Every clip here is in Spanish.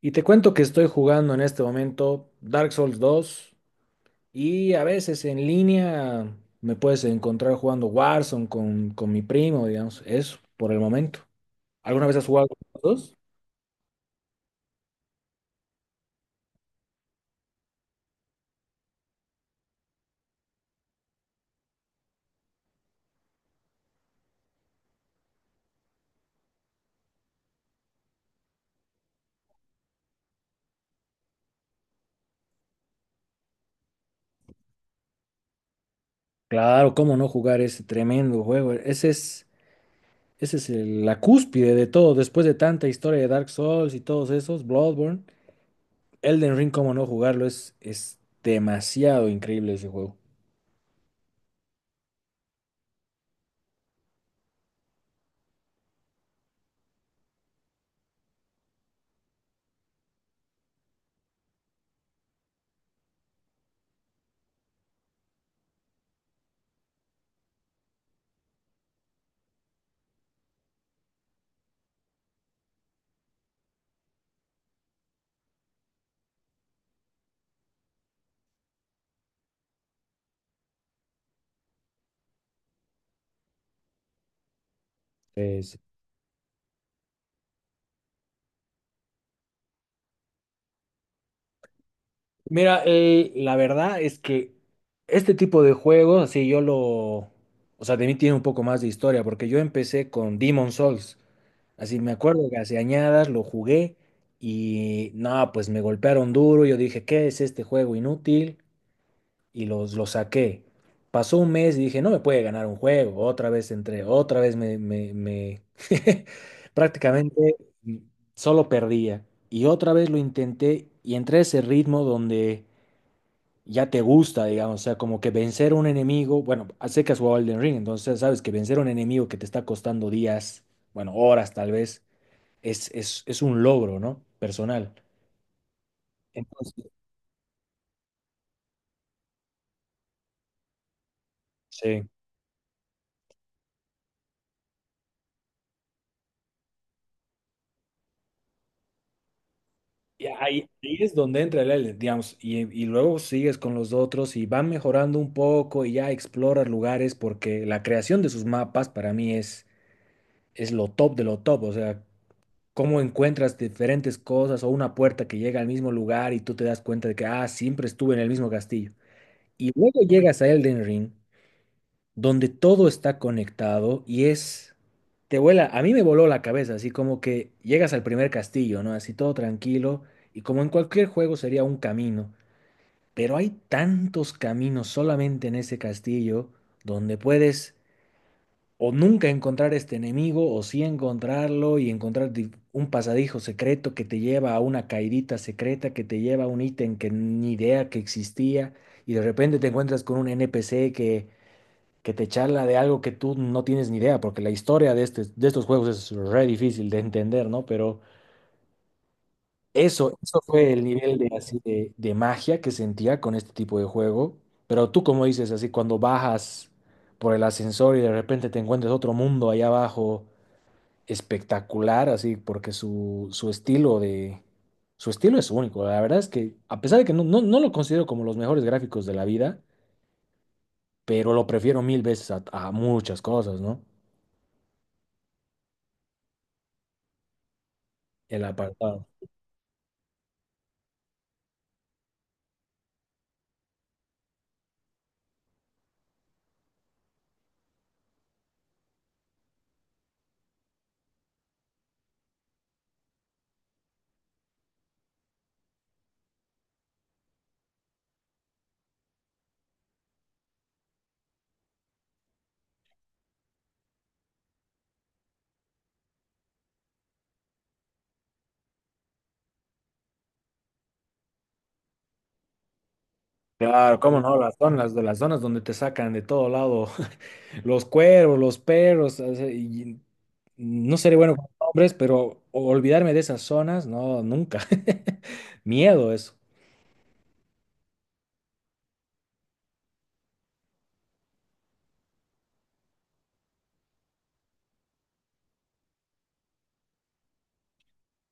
Y te cuento que estoy jugando en este momento Dark Souls dos y a veces en línea me puedes encontrar jugando Warzone con mi primo, digamos, eso por el momento. ¿Alguna vez has jugado con los dos? Claro, cómo no jugar ese tremendo juego. La cúspide de todo. Después de tanta historia de Dark Souls y todos esos, Bloodborne, Elden Ring, cómo no jugarlo, es demasiado increíble ese juego. Es- Mira, la verdad es que este tipo de juegos, o sea, de mí tiene un poco más de historia, porque yo empecé con Demon Souls, así me acuerdo que hace añadas lo jugué y no, pues me golpearon duro, yo dije, ¿qué es este juego inútil? Y los saqué. Pasó un mes y dije, no me puede ganar un juego. Otra vez entré, otra vez prácticamente solo perdía. Y otra vez lo intenté y entré a ese ritmo donde ya te gusta, digamos, o sea, como que vencer un enemigo, bueno, sé que has jugado Elden Ring, entonces sabes que vencer un enemigo que te está costando días, bueno, horas tal vez, es un logro, ¿no? Personal. Entonces, sí. Y ahí es donde entra el Elden, digamos, y luego sigues con los otros y van mejorando un poco y ya exploras lugares porque la creación de sus mapas para mí es lo top de lo top, o sea, cómo encuentras diferentes cosas o una puerta que llega al mismo lugar y tú te das cuenta de que, ah, siempre estuve en el mismo castillo. Y luego llegas a Elden Ring donde todo está conectado te vuela, a mí me voló la cabeza, así como que llegas al primer castillo, ¿no? Así todo tranquilo y como en cualquier juego sería un camino, pero hay tantos caminos solamente en ese castillo donde puedes o nunca encontrar este enemigo o sí encontrarlo y encontrar un pasadijo secreto que te lleva a una caidita secreta que te lleva a un ítem que ni idea que existía y de repente te encuentras con un NPC que te charla de algo que tú no tienes ni idea, porque la historia de, este, de estos juegos es re difícil de entender, ¿no? Pero eso fue el nivel de, así, de magia que sentía con este tipo de juego. Pero tú, como dices, así, cuando bajas por el ascensor y de repente te encuentras otro mundo allá abajo, espectacular, así, porque Su estilo es único, la verdad es que, a pesar de que no lo considero como los mejores gráficos de la vida, pero lo prefiero mil veces a muchas cosas, ¿no? El apartado. Claro, cómo no, de las zonas donde te sacan de todo lado, los cuervos, los perros, o sea, y no seré bueno con hombres, pero olvidarme de esas zonas, no, nunca. Miedo eso.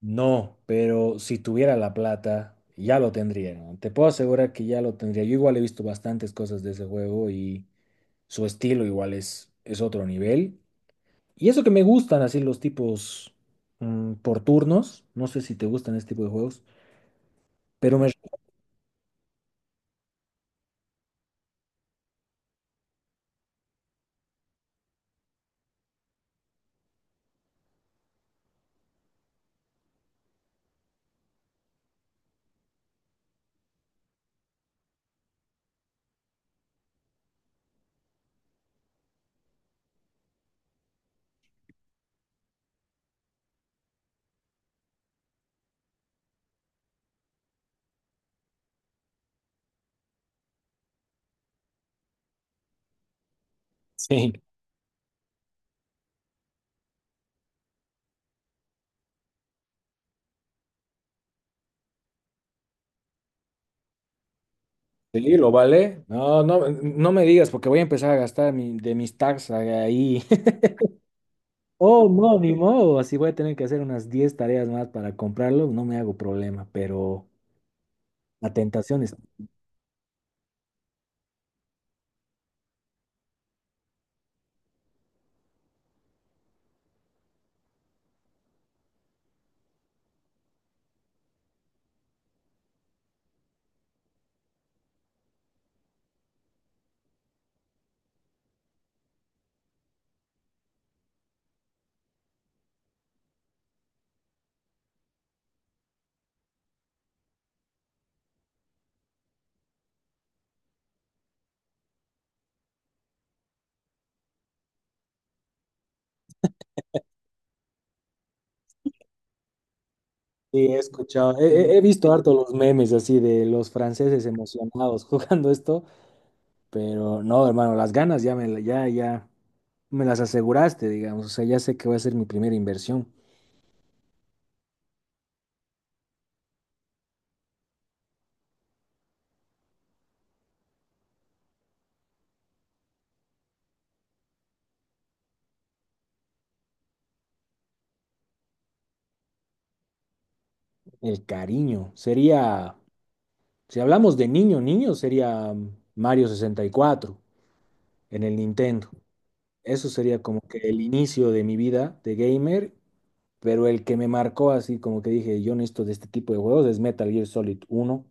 No, pero si tuviera la plata, ya lo tendría, ¿no? Te puedo asegurar que ya lo tendría. Yo igual he visto bastantes cosas de ese juego y su estilo igual es otro nivel. Y eso que me gustan así los tipos por turnos, no sé si te gustan este tipo de juegos, pero Sí. Sí, lo vale. No, no, no me digas porque voy a empezar a gastar de mis tags ahí. Oh, no, ni modo. Así voy a tener que hacer unas 10 tareas más para comprarlo. No me hago problema, pero la tentación es. Sí, he escuchado, he visto harto los memes así de los franceses emocionados jugando esto, pero no, hermano, las ganas ya me, ya me las aseguraste, digamos. O sea, ya sé que va a ser mi primera inversión. El cariño sería. Si hablamos de niño, niño sería Mario 64 en el Nintendo. Eso sería como que el inicio de mi vida de gamer, pero el que me marcó así como que dije, yo necesito de este tipo de juegos es Metal Gear Solid uno.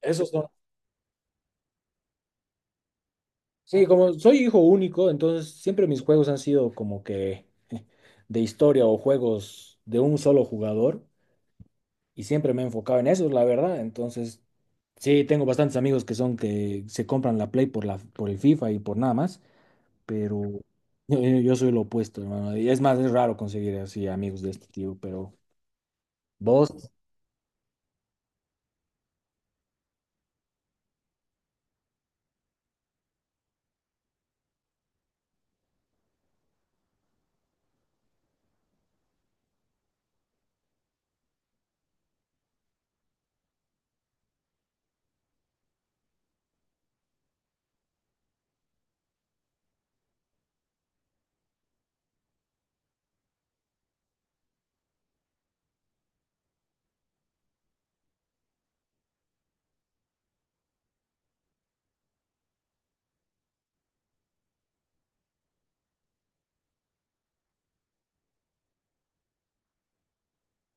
Esos son. Sí, como soy hijo único, entonces siempre mis juegos han sido como que de historia o juegos de un solo jugador y siempre me he enfocado en eso, la verdad. Entonces, sí, tengo bastantes amigos que son que se compran la Play por el FIFA y por nada más. Pero yo soy lo opuesto, hermano. Y es más, es raro conseguir así amigos de este tipo, pero vos,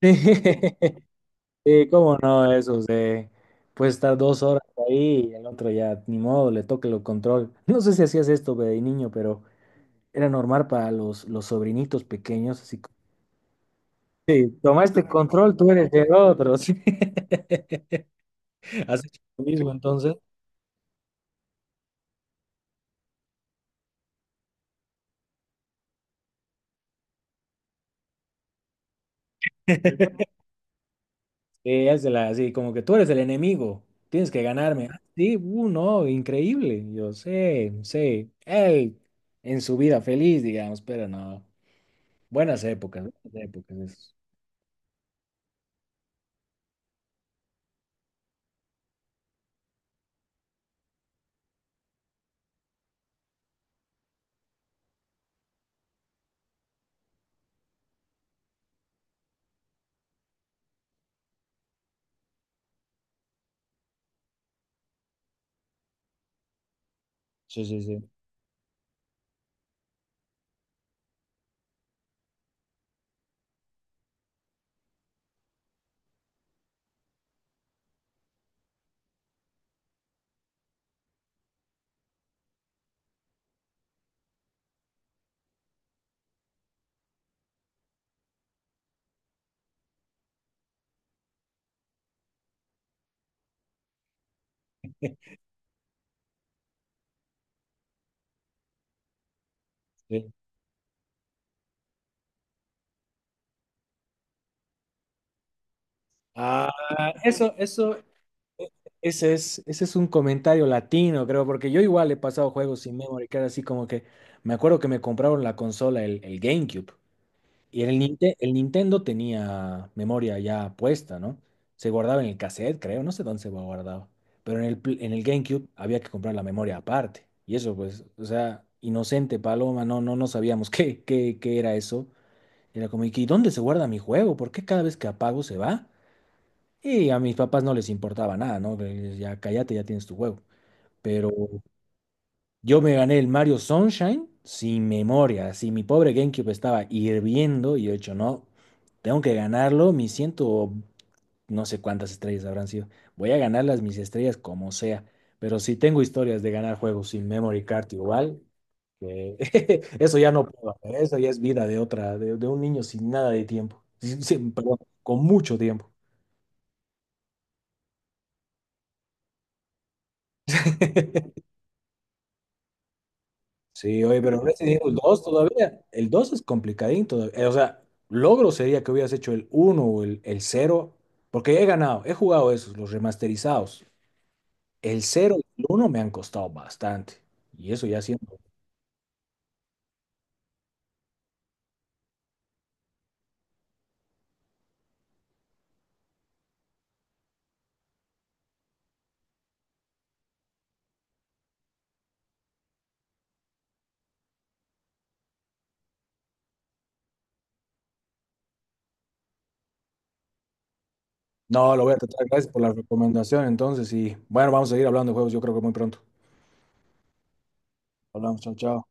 sí, cómo no, eso de, puedes estar 2 horas ahí y el otro ya, ni modo, le toque el control. No sé si hacías esto de niño, pero era normal para los sobrinitos pequeños, así como, sí, tomaste control, tú eres el otro, sí. ¿Has hecho lo mismo entonces? Es de la así, como que tú eres el enemigo, tienes que ganarme. Ah, sí, no, increíble. Yo sé, sé. Él en su vida feliz, digamos, pero no. Buenas épocas, buenas épocas. Esas. Sí, sí, sí. Sí. Ah, eso, ese es un comentario latino, creo, porque yo igual he pasado juegos sin memory card, así como que me acuerdo que me compraron la consola, el GameCube. Y en el Nintendo tenía memoria ya puesta, ¿no? Se guardaba en el cassette, creo, no sé dónde se guardaba. Pero en en el GameCube había que comprar la memoria aparte. Y eso, pues, o sea, inocente Paloma, no sabíamos qué era eso. Era como, ¿y qué- dónde se guarda mi juego? ¿Por qué cada vez que apago se va? Y a mis papás no les importaba nada, ¿no? Ya cállate, ya tienes tu juego. Pero yo me gané el Mario Sunshine sin memoria, así mi pobre GameCube estaba hirviendo y yo he dicho, no, tengo que ganarlo, mis ciento, no sé cuántas estrellas habrán sido, voy a ganarlas mis estrellas como sea, pero si tengo historias de ganar juegos sin memory card igual, que eso ya no puedo hacer, eso ya es vida de otra, de un niño sin nada de tiempo, perdón, con mucho tiempo. Sí, oye, pero Resident Evil 2 todavía, el 2 es complicadín todavía. O sea, logro sería que hubieras hecho el uno o el cero, porque he ganado, he jugado esos, los remasterizados. El cero y el uno me han costado bastante. Y eso ya siento. No, lo voy a tratar. Gracias por la recomendación. Entonces, y bueno, vamos a seguir hablando de juegos, yo creo que muy pronto. Hablamos, chao, chao.